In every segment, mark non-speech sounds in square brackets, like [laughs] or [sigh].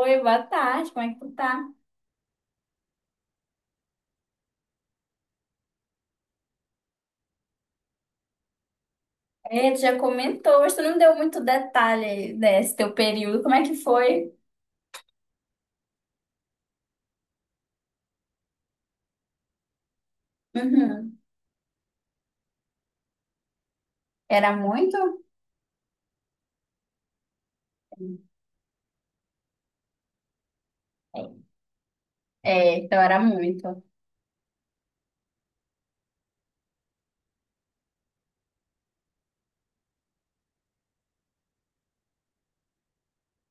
Oi, boa tarde, como é que tu tá? É, tu já comentou, mas tu não deu muito detalhe desse teu período, como é que foi? Uhum. Era muito? É, então era muito.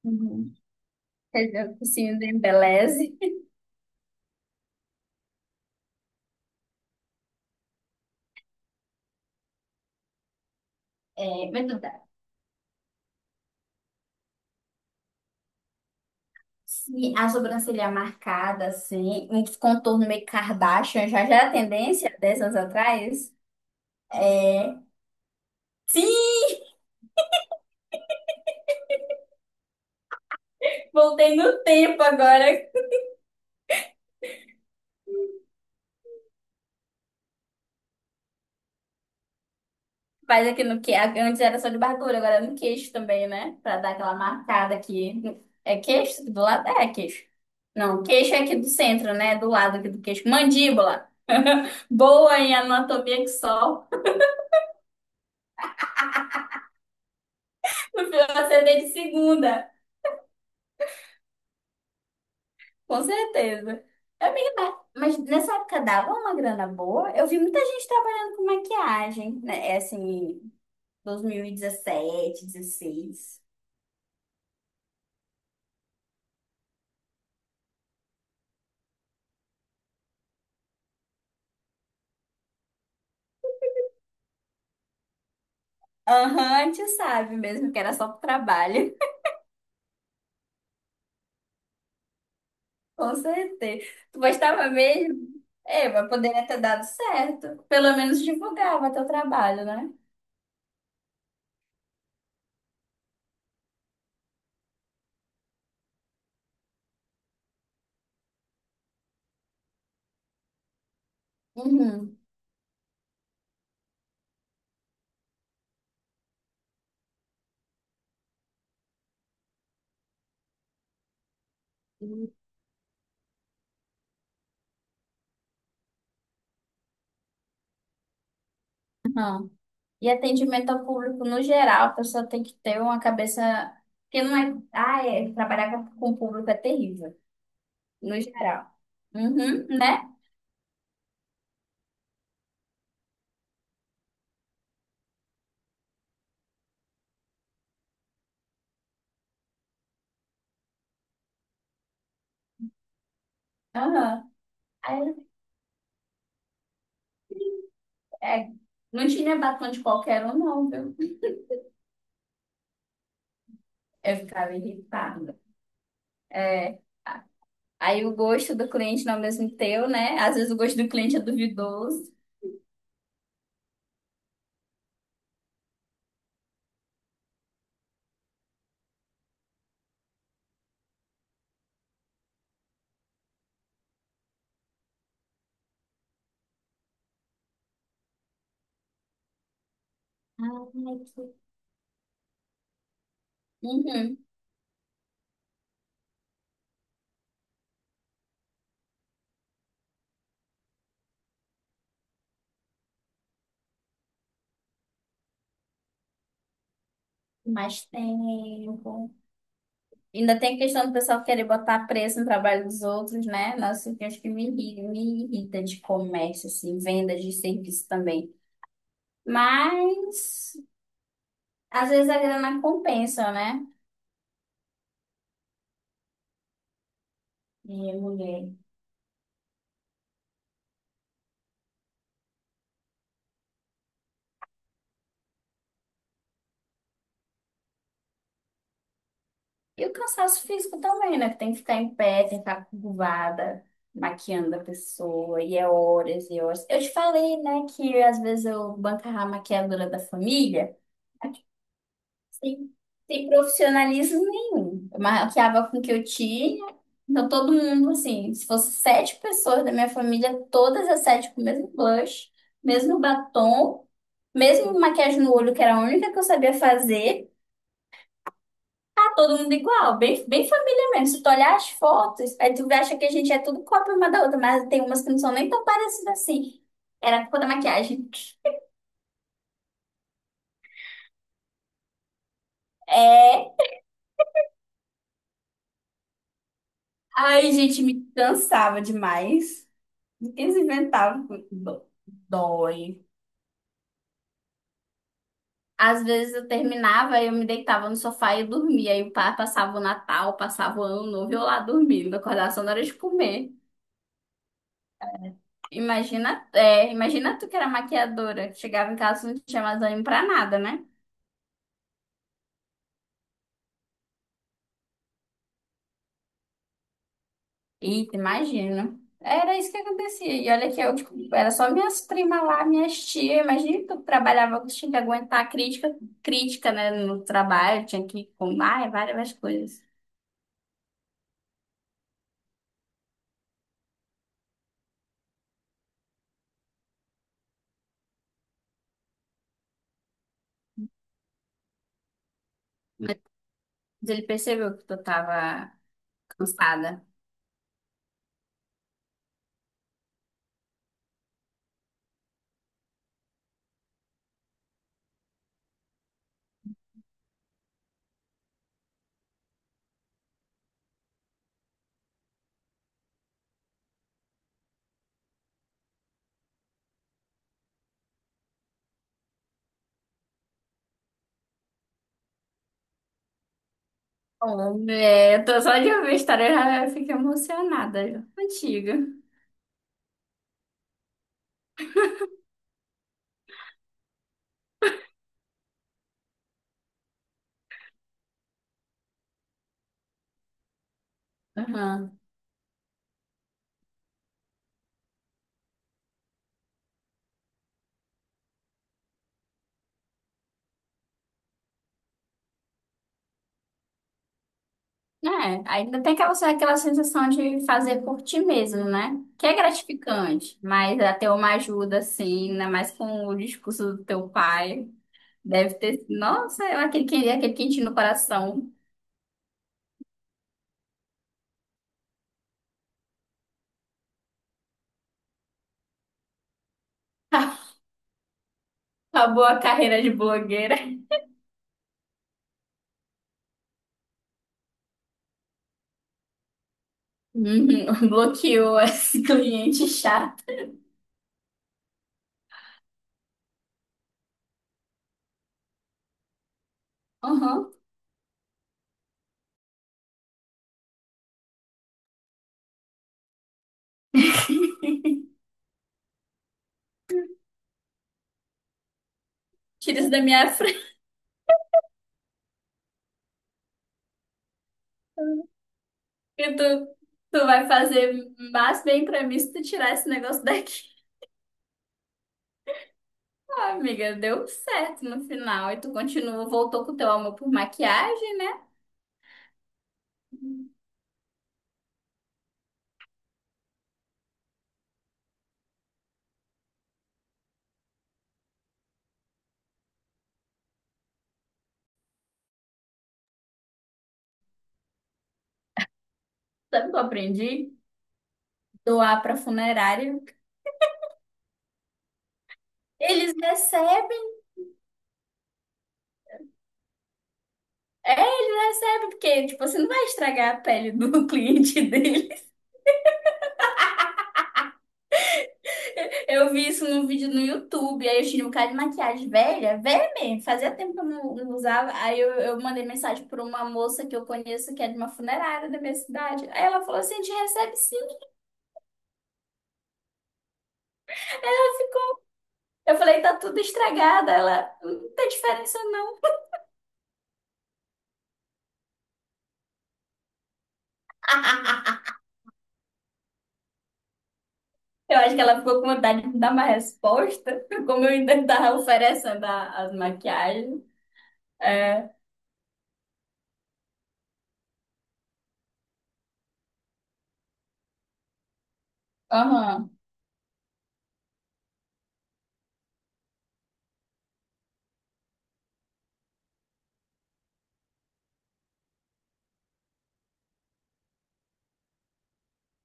Uhum. Quer dizer, o focinho do embeleze. É, mas tu dá. Se a sobrancelha é marcada, assim, um contorno meio Kardashian, já já era tendência 10 anos atrás? É. Sim, voltei no tempo agora. Faz aqui no que antes era só de barbura, agora é no queixo também, né? Pra dar aquela marcada aqui. É queixo? Do lado? É queixo. Não, queixo é aqui do centro, né? Do lado aqui do queixo. Mandíbula. [laughs] Boa em anatomia que só. No final acertei de segunda. Com certeza. Eu me mas nessa época dava uma grana boa. Eu vi muita gente trabalhando com maquiagem, né? É assim, 2017, 16. Aham, a gente sabe mesmo que era só pro trabalho. Com certeza. Tu gostava mesmo? É, mas poderia ter dado certo. Pelo menos divulgava teu trabalho, né? Uhum. Não. E atendimento ao público no geral, a pessoa tem que ter uma cabeça que não é. Ah, é. Trabalhar com o público é terrível, no geral. Uhum, né? Aham. Aí, é, não tinha batom de qualquer um, não, viu? Eu ficava irritada. É. Aí o gosto do cliente não é o mesmo teu, né? Às vezes o gosto do cliente é duvidoso. Ai, que- Uhum. Mais tempo. Ainda tem a questão do pessoal querer botar preço no trabalho dos outros, né? Nossa, eu acho que me irrita de comércio, assim, venda de serviço também. Mas, às vezes a grana compensa, né? E a mulher. E o cansaço físico também, né? Que tem que ficar em pé, tem que ficar curvada, maquiando a pessoa, e é horas e horas. Eu te falei, né, que às vezes eu bancava a maquiadora da família. Sem, sem profissionalismo nenhum. Eu maquiava com o que eu tinha. Então, todo mundo, assim, se fosse sete pessoas da minha família, todas as sete com o mesmo blush, mesmo batom, mesmo maquiagem no olho, que era a única que eu sabia fazer, tá todo mundo igual, bem, bem família mesmo. Se tu olhar as fotos, aí tu acha que a gente é tudo cópia uma da outra, mas tem umas que não são nem tão parecidas assim. Era a culpa da maquiagem. É. Ai, gente, me cansava demais. Eles inventavam que dó- dói. Às vezes eu terminava, eu me deitava no sofá e dormia. Aí o pai passava o Natal, passava o Ano Novo, e eu lá dormindo, acordava só na hora de comer. Imagina, é, imagina tu que era maquiadora, chegava em casa não tinha mais ânimo pra nada, né? Eita, imagina. Era isso que acontecia. E olha que eu, tipo, era só minhas primas lá, minhas tias. Imagina tu que eu trabalhava, que tinha que aguentar crítica, crítica, né, no trabalho, tinha que comer, ai, várias coisas. Mas ele percebeu que tu tava cansada. Oh, é, eu tô só de ouvir a história, eu já fico emocionada. Já. Antiga. Aham. É, ainda tem aquela, aquela sensação de fazer por ti mesmo, né? Que é gratificante, mas até uma ajuda, assim, ainda mais com o discurso do teu pai. Deve ter sido. Nossa, eu- aquele, que- aquele quentinho no coração. [laughs] Acabou a carreira de blogueira. [laughs] Uhum. Bloqueou esse cliente chato. Uhum. Tira isso da minha e tu, tu vai fazer mais bem pra mim se tu tirar esse negócio daqui. [laughs] Ah, amiga, deu certo no final. E tu continua, voltou com o teu amor por maquiagem, né? Sabe o que eu aprendi? Doar pra funerária. Eles recebem. É, eles recebem, porque, tipo, você não vai estragar a pele do [laughs] cliente dele. Eu vi isso num vídeo no YouTube, aí eu tinha um cara de maquiagem velha, velha mesmo, fazia tempo que eu não, não usava. Aí eu mandei mensagem para uma moça que eu conheço, que é de uma funerária da minha cidade. Aí ela falou assim: a gente recebe sim. Eu falei: tá tudo estragado. Ela, não tem diferença não. [laughs] Eu acho que ela ficou com vontade de me dar uma resposta, [laughs] como eu ainda estava oferecendo a- as maquiagens. É, aham.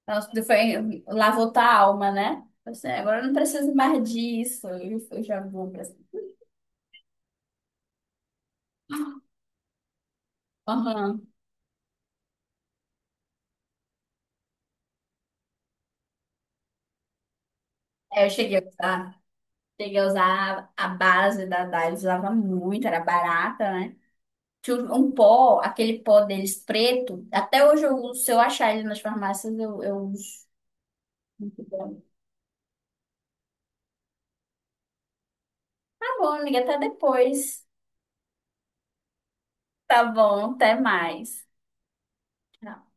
Nossa, foi, lavou tua alma, né? Você, agora eu não preciso mais disso. Eu já vou pra aham. É, eu cheguei a usar a base da Dylos, usava muito, era barata, né? Tinha um pó, aquele pó deles preto, até hoje eu uso, se eu achar ele nas farmácias, eu uso. Muito bom. Tá bom, amiga, até depois. Tá bom, até mais. Tchau.